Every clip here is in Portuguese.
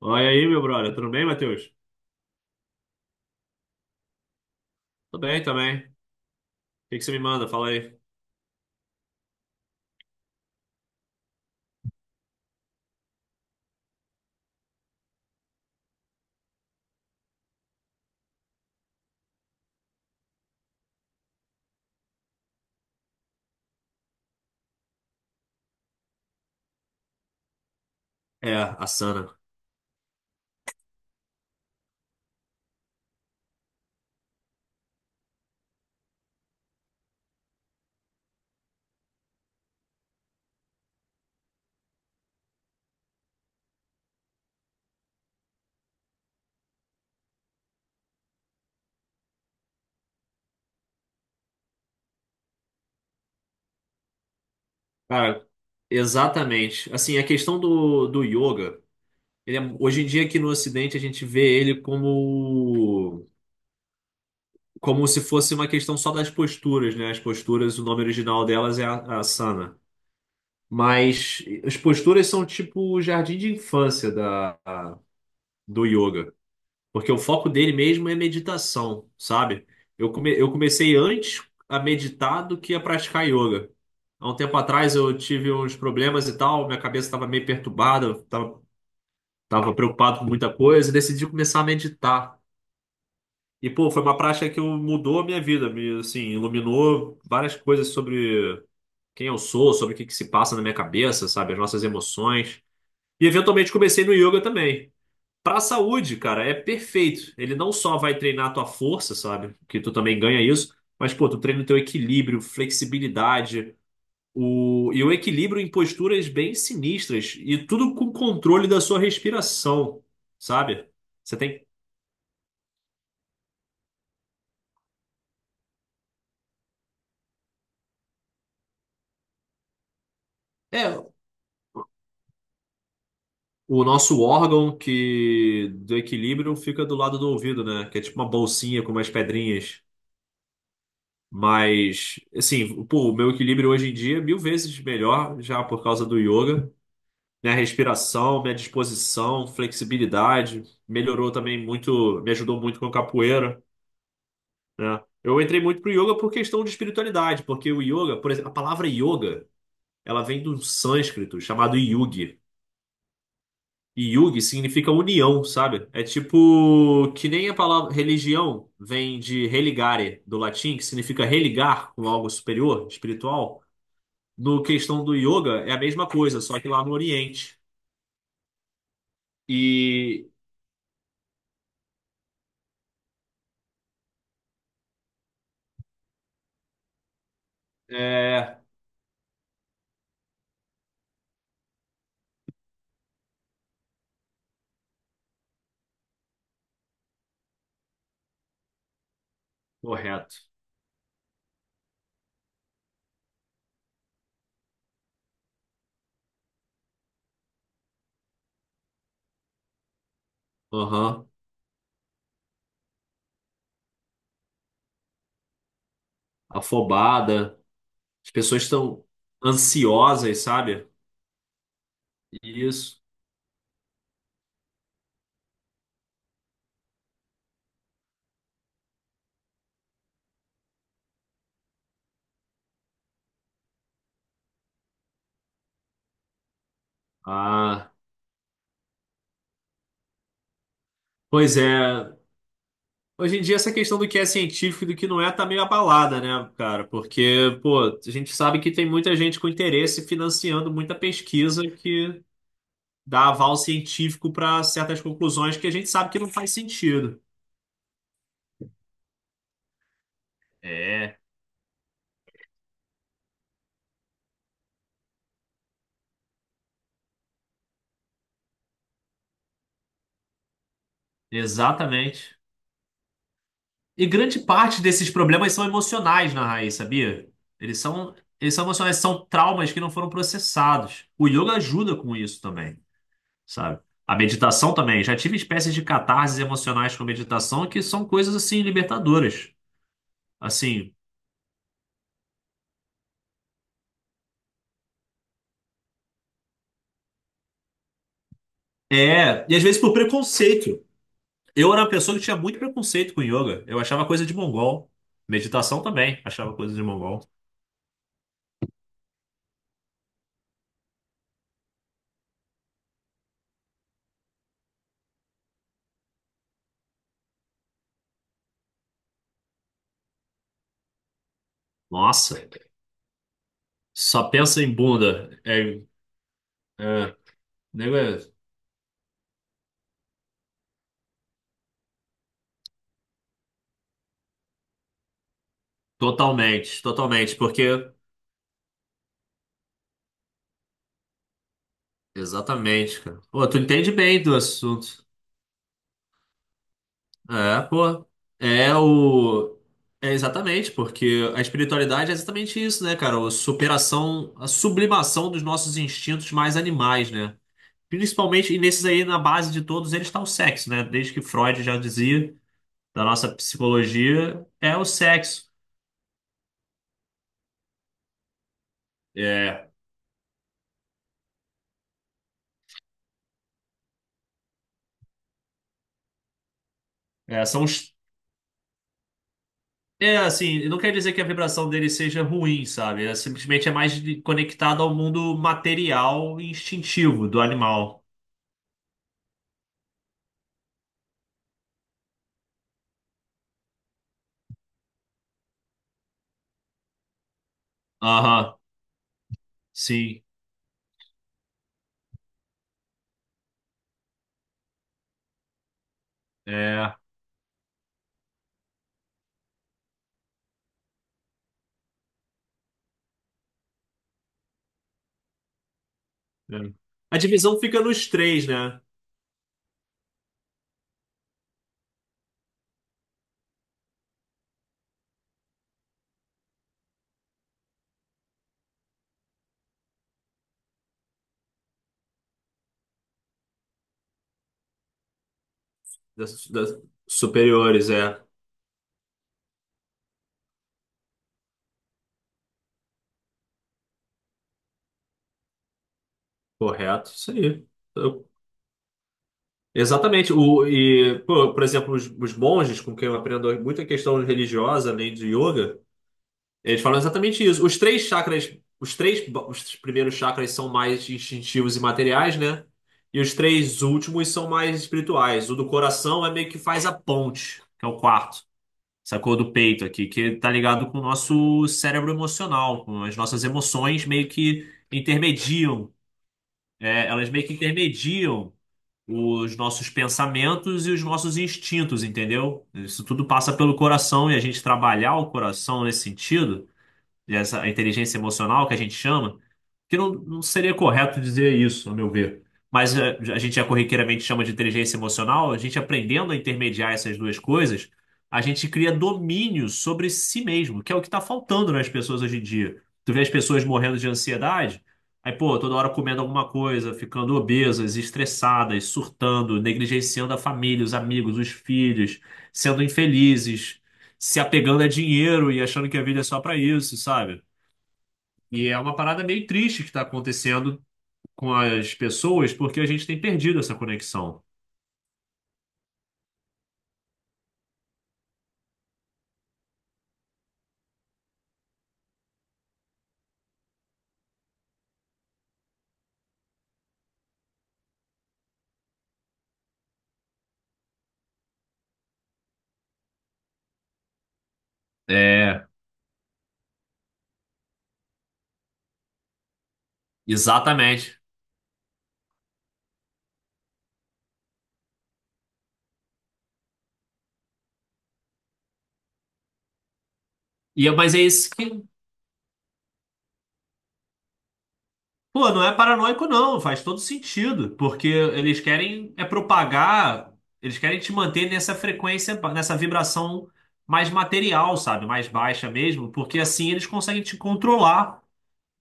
Olha aí, meu brother. Tudo bem, Matheus? Tudo bem também. O que você me manda? Fala aí. É, asana. Cara, exatamente. Assim, a questão do yoga, hoje em dia aqui no Ocidente a gente vê ele como, como se fosse uma questão só das posturas, né? As posturas, o nome original delas é asana. Mas as posturas são tipo o jardim de infância do yoga. Porque o foco dele mesmo é meditação, sabe? Eu comecei antes a meditar do que a praticar yoga. Há um tempo atrás eu tive uns problemas e tal, minha cabeça estava meio perturbada, tava preocupado com muita coisa, e decidi começar a meditar. E, pô, foi uma prática que mudou a minha vida, me, assim, iluminou várias coisas sobre quem eu sou, sobre o que que se passa na minha cabeça, sabe? As nossas emoções. E eventualmente comecei no yoga também. Pra saúde, cara, é perfeito. Ele não só vai treinar a tua força, sabe? Que tu também ganha isso, mas, pô, tu treina o teu equilíbrio, flexibilidade, e o equilíbrio em posturas bem sinistras, e tudo com controle da sua respiração, sabe? Você tem. É, o nosso órgão que do equilíbrio fica do lado do ouvido, né? Que é tipo uma bolsinha com umas pedrinhas. Mas, assim, pô, o meu equilíbrio hoje em dia é mil vezes melhor já por causa do yoga. Minha respiração, minha disposição, flexibilidade. Melhorou também muito, me ajudou muito com a capoeira, né? Eu entrei muito pro yoga por questão de espiritualidade, porque o yoga, por exemplo, a palavra yoga, ela vem do sânscrito chamado yugi. E yugi significa união, sabe? É tipo que nem a palavra religião vem de religare, do latim, que significa religar com algo superior, espiritual. No questão do yoga, é a mesma coisa, só que lá no Oriente. E é correto. Aham. Afobada. As pessoas estão ansiosas, sabe? Isso. Ah, pois é. Hoje em dia, essa questão do que é científico e do que não é tá meio abalada, né, cara? Porque, pô, a gente sabe que tem muita gente com interesse financiando muita pesquisa que dá aval científico para certas conclusões que a gente sabe que não faz sentido. É, exatamente. E grande parte desses problemas são emocionais na raiz, sabia? Eles são, eles são emocionais, são traumas que não foram processados. O yoga ajuda com isso também, sabe? A meditação também. Já tive espécies de catarses emocionais com meditação que são coisas assim libertadoras. Assim, é, e às vezes por preconceito. Eu era uma pessoa que tinha muito preconceito com yoga. Eu achava coisa de mongol. Meditação também, achava coisa de mongol. Nossa, só pensa em bunda. É, é, nego é totalmente, totalmente, porque. Exatamente, cara. Pô, tu entende bem do assunto. É, pô. É o. É exatamente, porque a espiritualidade é exatamente isso, né, cara? A superação, a sublimação dos nossos instintos mais animais, né? Principalmente, e nesses aí, na base de todos eles está o sexo, né? Desde que Freud já dizia, da nossa psicologia, é o sexo. É, é, são os é assim, não quer dizer que a vibração dele seja ruim, sabe? É, simplesmente é mais conectado ao mundo material e instintivo do animal. Aham, sim. É, é. A divisão fica nos três, né? Das superiores, é. Correto, isso aí. Eu- exatamente. Pô, por exemplo, os monges, com quem eu aprendo muita questão religiosa, além de yoga. Eles falam exatamente isso. Os três chakras, os três, os primeiros chakras são mais instintivos e materiais, né? E os três últimos são mais espirituais. O do coração é meio que faz a ponte, que é o quarto, sacou? Do peito aqui, que tá ligado com o nosso cérebro emocional, com as nossas emoções meio que intermediam, é, elas meio que intermediam os nossos pensamentos e os nossos instintos, entendeu? Isso tudo passa pelo coração e a gente trabalhar o coração nesse sentido, essa inteligência emocional que a gente chama, que não seria correto dizer isso, a meu ver. Mas é, a gente já corriqueiramente chama de inteligência emocional, a gente aprendendo a intermediar essas duas coisas, a gente cria domínio sobre si mesmo, que é o que está faltando nas pessoas hoje em dia. Tu vê as pessoas morrendo de ansiedade, aí, pô, toda hora comendo alguma coisa, ficando obesas, estressadas, surtando, negligenciando a família, os amigos, os filhos, sendo infelizes, se apegando a dinheiro e achando que a vida é só pra isso, sabe? E é uma parada meio triste que tá acontecendo com as pessoas, porque a gente tem perdido essa conexão. É, exatamente. E, mas é isso que, pô, não é paranoico, não, faz todo sentido, porque eles querem é propagar, eles querem te manter nessa frequência, nessa vibração mais material, sabe? Mais baixa mesmo, porque assim eles conseguem te controlar.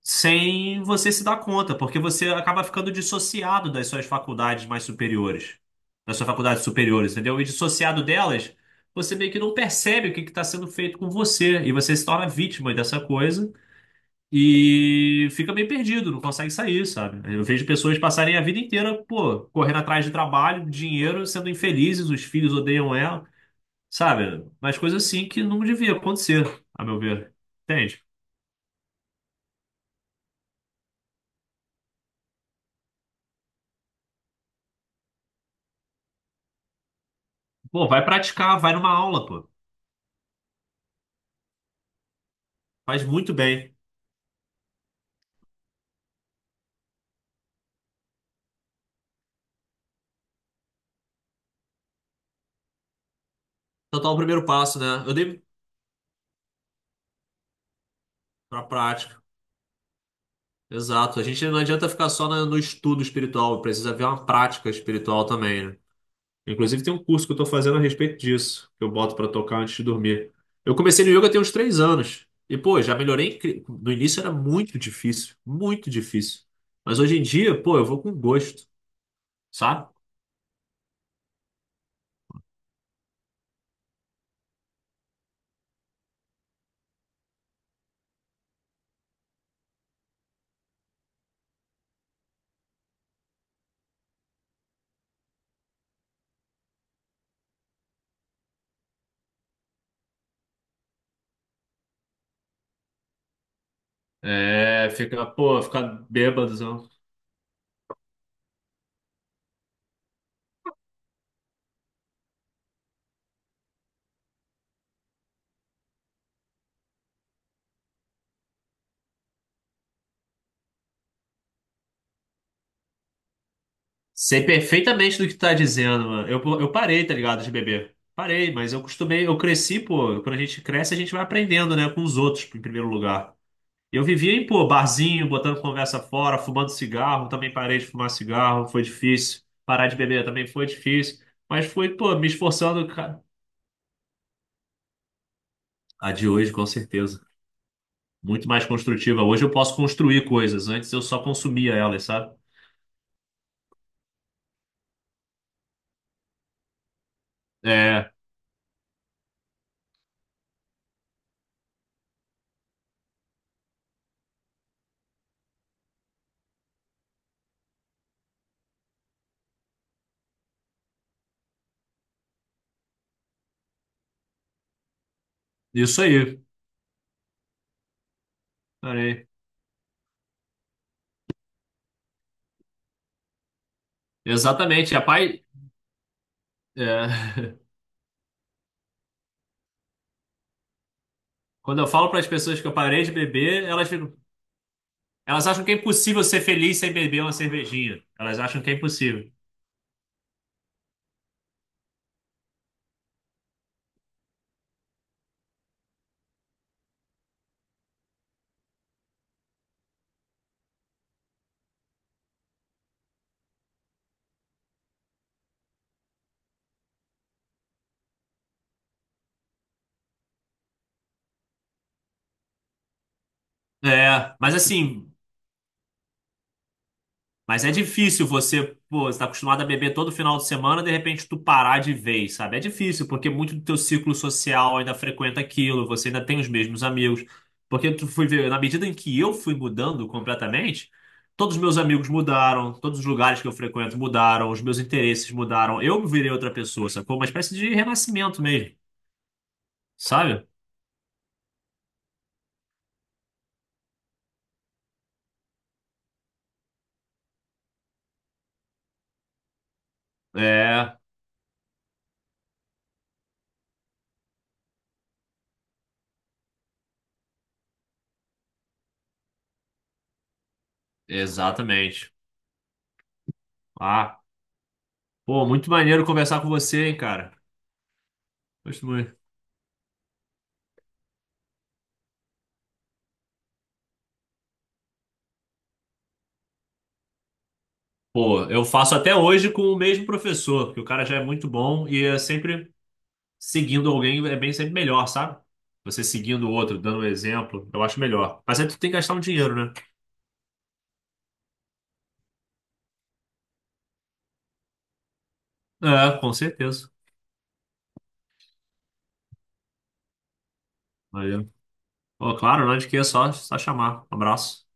Sem você se dar conta, porque você acaba ficando dissociado das suas faculdades mais superiores, das suas faculdades superiores, entendeu? E dissociado delas, você meio que não percebe o que está sendo feito com você, e você se torna vítima dessa coisa e fica meio perdido, não consegue sair, sabe? Eu vejo pessoas passarem a vida inteira, pô, correndo atrás de trabalho, dinheiro, sendo infelizes, os filhos odeiam ela, sabe? Mas coisas assim que não devia acontecer, a meu ver. Entende? Pô, vai praticar, vai numa aula, pô. Faz muito bem. Então tá o primeiro passo, né? Eu dei pra prática. Exato. A gente não adianta ficar só no estudo espiritual, precisa ver uma prática espiritual também, né? Inclusive tem um curso que eu tô fazendo a respeito disso, que eu boto pra tocar antes de dormir. Eu comecei no yoga tem uns 3 anos. E, pô, já melhorei. No início era muito difícil, muito difícil. Mas hoje em dia, pô, eu vou com gosto, sabe? É, fica, pô, ficar bêbado. Sei perfeitamente do que tu tá dizendo, mano. Eu parei, tá ligado, de beber. Parei, mas eu costumei, eu cresci, pô. Quando a gente cresce, a gente vai aprendendo, né, com os outros, em primeiro lugar. Eu vivia em, pô, barzinho, botando conversa fora, fumando cigarro. Também parei de fumar cigarro, foi difícil. Parar de beber também foi difícil. Mas fui, pô, me esforçando, cara. A de hoje, com certeza. Muito mais construtiva. Hoje eu posso construir coisas. Antes eu só consumia elas, sabe? É, isso aí. Parei. Exatamente. A pai. É. Quando eu falo para as pessoas que eu parei de beber, elas ficam, elas acham que é impossível ser feliz sem beber uma cervejinha. Elas acham que é impossível. É, mas assim, mas é difícil você, pô, você tá acostumado a beber todo final de semana, de repente tu parar de vez, sabe? É difícil, porque muito do teu ciclo social ainda frequenta aquilo, você ainda tem os mesmos amigos. Porque tu fui ver, na medida em que eu fui mudando completamente, todos os meus amigos mudaram, todos os lugares que eu frequento mudaram, os meus interesses mudaram, eu virei outra pessoa, sacou? Uma espécie de renascimento mesmo. Sabe? É, exatamente. Ah, pô, muito maneiro conversar com você, hein, cara. Gosto muito. Pô, eu faço até hoje com o mesmo professor, porque o cara já é muito bom e é sempre seguindo alguém é bem sempre melhor, sabe? Você seguindo o outro, dando um exemplo, eu acho melhor. Mas aí tu tem que gastar um dinheiro, né? É, com certeza. Valeu. Pô, claro, não é de que, é só, só chamar. Um abraço.